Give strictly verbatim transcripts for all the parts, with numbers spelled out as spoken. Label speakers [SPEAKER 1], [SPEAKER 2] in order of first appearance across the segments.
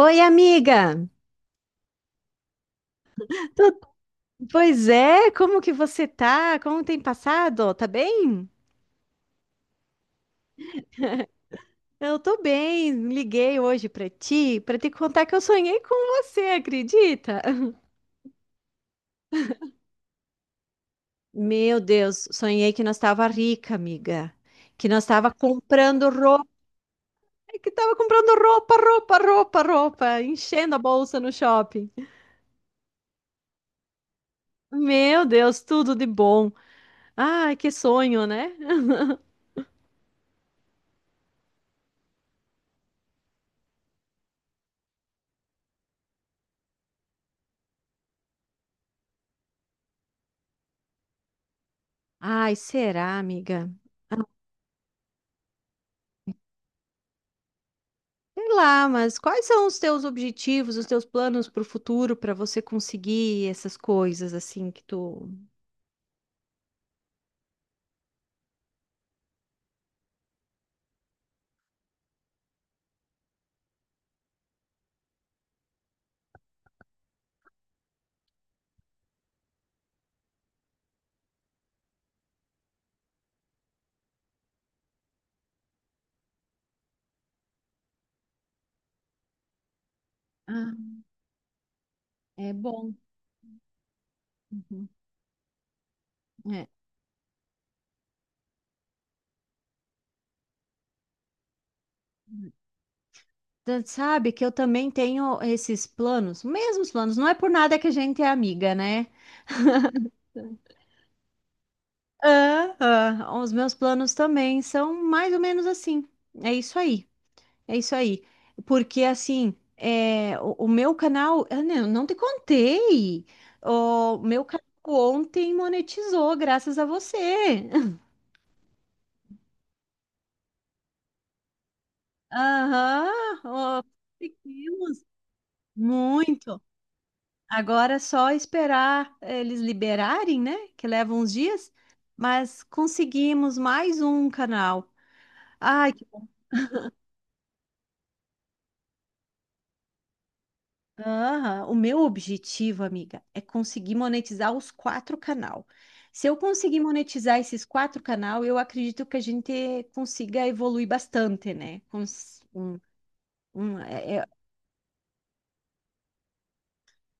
[SPEAKER 1] Oi, amiga! Tô- Pois é, como que você tá? Como tem passado? Tá bem? Eu tô bem. Liguei hoje pra ti pra te contar que eu sonhei com você, acredita? Meu Deus, sonhei que nós tava rica, amiga. Que nós tava comprando roupa, é que tava comprando roupa, roupa, roupa, roupa, enchendo a bolsa no shopping. Meu Deus, tudo de bom. Ai, que sonho, né? Ai, será, amiga? Sei lá, mas quais são os teus objetivos, os teus planos para o futuro para você conseguir essas coisas assim que tu Ah, é bom. Uhum. é, Tu sabe que eu também tenho esses planos, mesmos planos. Não é por nada que a gente é amiga, né? Ah, ah. Os meus planos também são mais ou menos assim. É isso aí. É isso aí. Porque assim, é, o, o meu canal, eu não, não te contei. O meu canal ontem monetizou, graças a você. Aham, ó, conseguimos. Muito. Agora é só esperar eles liberarem, né? Que leva uns dias, mas conseguimos mais um canal. Ai, aham, o meu objetivo, amiga, é conseguir monetizar os quatro canal. Se eu conseguir monetizar esses quatro canal, eu acredito que a gente consiga evoluir bastante, né? Cons- um- um- é, é,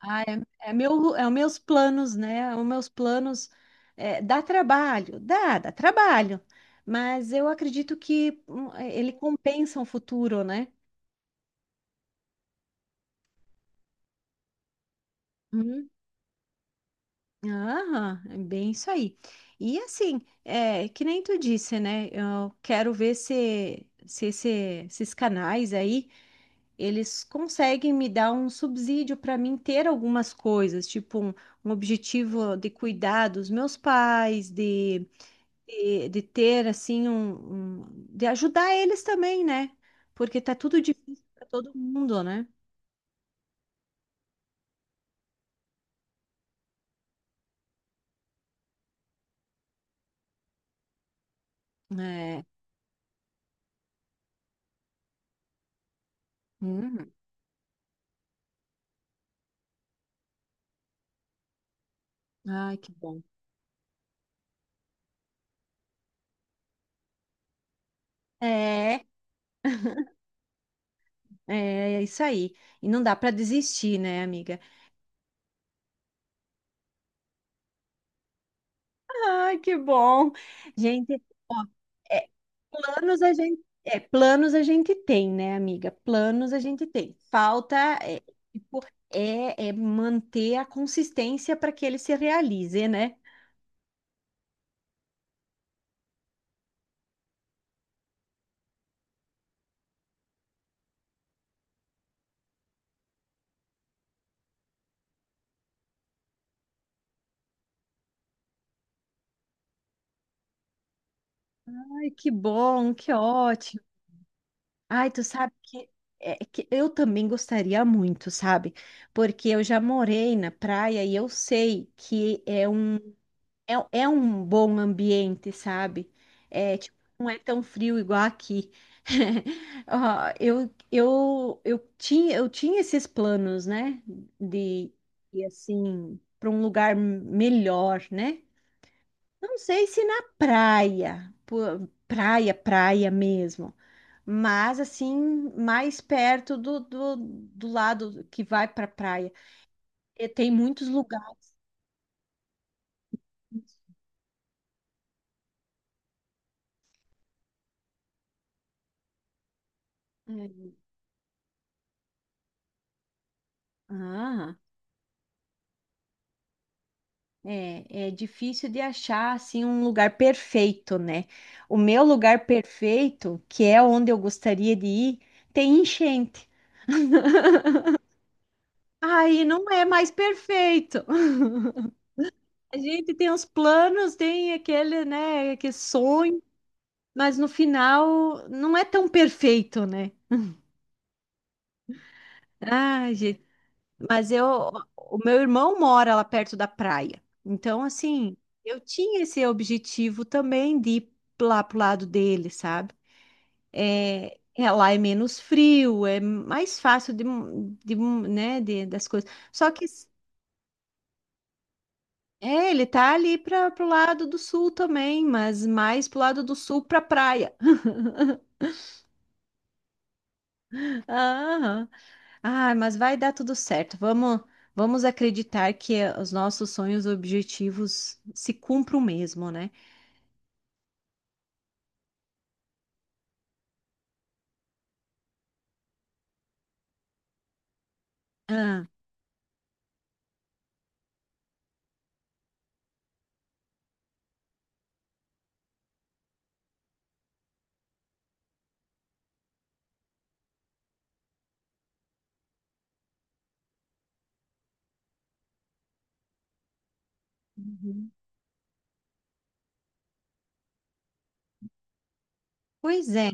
[SPEAKER 1] ah, é- É meu, é os meus planos, né? Os meus planos é, dá trabalho, dá, dá trabalho, mas eu acredito que hum, é, ele compensa o futuro, né? Aham, é bem isso aí. E assim, é, que nem tu disse, né? Eu quero ver se, se esse- esses canais aí, eles conseguem me dar um subsídio para mim ter algumas coisas, tipo um, um objetivo de cuidar dos meus pais, de, de, de ter assim um, um- de ajudar eles também, né? Porque tá tudo difícil para todo mundo, né? É. Hum. Ai, que bom. É. É, é isso aí. E não dá para desistir, né, amiga? Ai, que bom. Gente, ó, é, planos a gente, é, planos a gente tem, né, amiga? Planos a gente tem. Falta é, tipo, é, é manter a consistência para que ele se realize, né? Ai, que bom, que ótimo. Ai, tu sabe que, é, que eu também gostaria muito, sabe? Porque eu já morei na praia e eu sei que é um É, é um bom ambiente, sabe? É, tipo, não é tão frio igual aqui. Ó, eu, eu, eu tinha, eu tinha esses planos, né? De ir assim, para um lugar melhor, né? Não sei se na praia, pô, praia, praia mesmo, mas assim, mais perto do, do, do lado que vai para praia. E tem muitos lugares. É. Ah. É, é difícil de achar assim um lugar perfeito, né? O meu lugar perfeito, que é onde eu gostaria de ir, tem enchente. Aí não é mais perfeito. A gente tem os planos, tem aquele, né, aquele sonho, mas no final não é tão perfeito, né? Ah, gente, mas eu, o meu irmão mora lá perto da praia. Então, assim, eu tinha esse objetivo também de ir lá pro lado dele, sabe? É, é, lá é menos frio, é mais fácil de, de, né, de- das coisas. Só que é, ele tá ali para pro lado do sul também, mas mais pro lado do sul para praia. Aham. Ah, mas vai dar tudo certo. Vamos, vamos acreditar que os nossos sonhos e objetivos se cumpram mesmo, né? Ah, uhum. Pois é.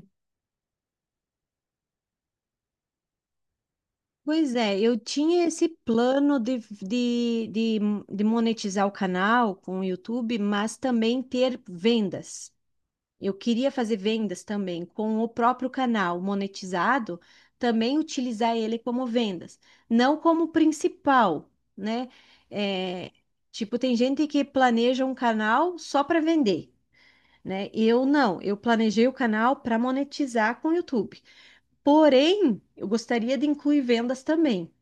[SPEAKER 1] Pois é, eu tinha esse plano de, de, de, de monetizar o canal com o YouTube, mas também ter vendas. Eu queria fazer vendas também com o próprio canal monetizado, também utilizar ele como vendas, não como principal, né? É, tipo, tem gente que planeja um canal só para vender, né? Eu não, eu planejei o canal para monetizar com o YouTube. Porém, eu gostaria de incluir vendas também.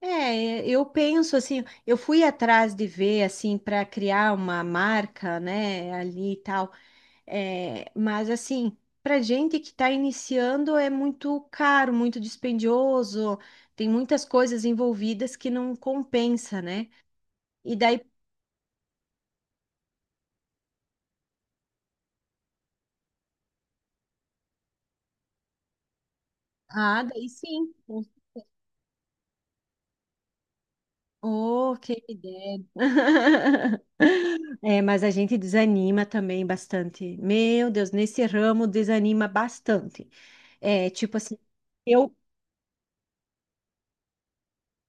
[SPEAKER 1] É, eu penso assim, eu fui atrás de ver assim para criar uma marca, né, ali e tal. É, mas assim, para gente que está iniciando é muito caro, muito dispendioso, tem muitas coisas envolvidas que não compensa, né? E daí, ah, daí sim. Oh, que ideia. É, mas a gente desanima também bastante. Meu Deus, nesse ramo desanima bastante. É, tipo assim, eu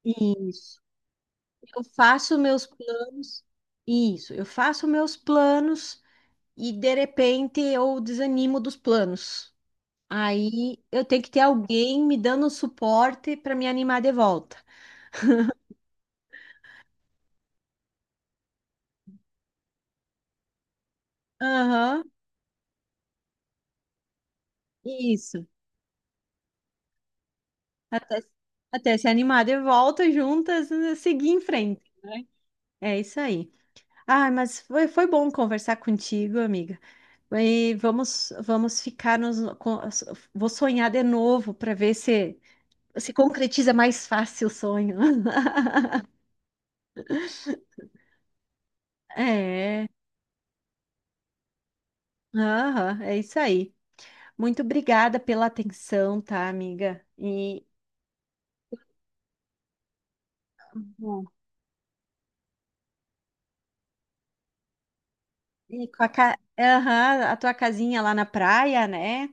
[SPEAKER 1] isso. Eu faço meus planos. Isso. Eu faço meus planos e de repente eu desanimo dos planos. Aí eu tenho que ter alguém me dando um suporte para me animar de volta. Aham, isso. Até, até se animar de volta juntas, né, seguir em frente, né? É isso aí. Ah, mas foi, foi bom conversar contigo, amiga. E vamos, vamos ficar nos. com- Vou sonhar de novo para ver se se concretiza mais fácil o sonho. É, aham, é isso aí. Muito obrigada pela atenção, tá, amiga? E, bom, e com a, ca- aham, a tua casinha lá na praia, né?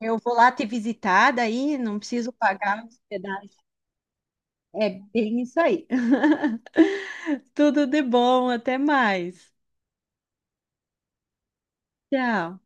[SPEAKER 1] Eu vou lá te visitar daí, não preciso pagar hospedagem. É bem isso aí. Tudo de bom, até mais. Tchau.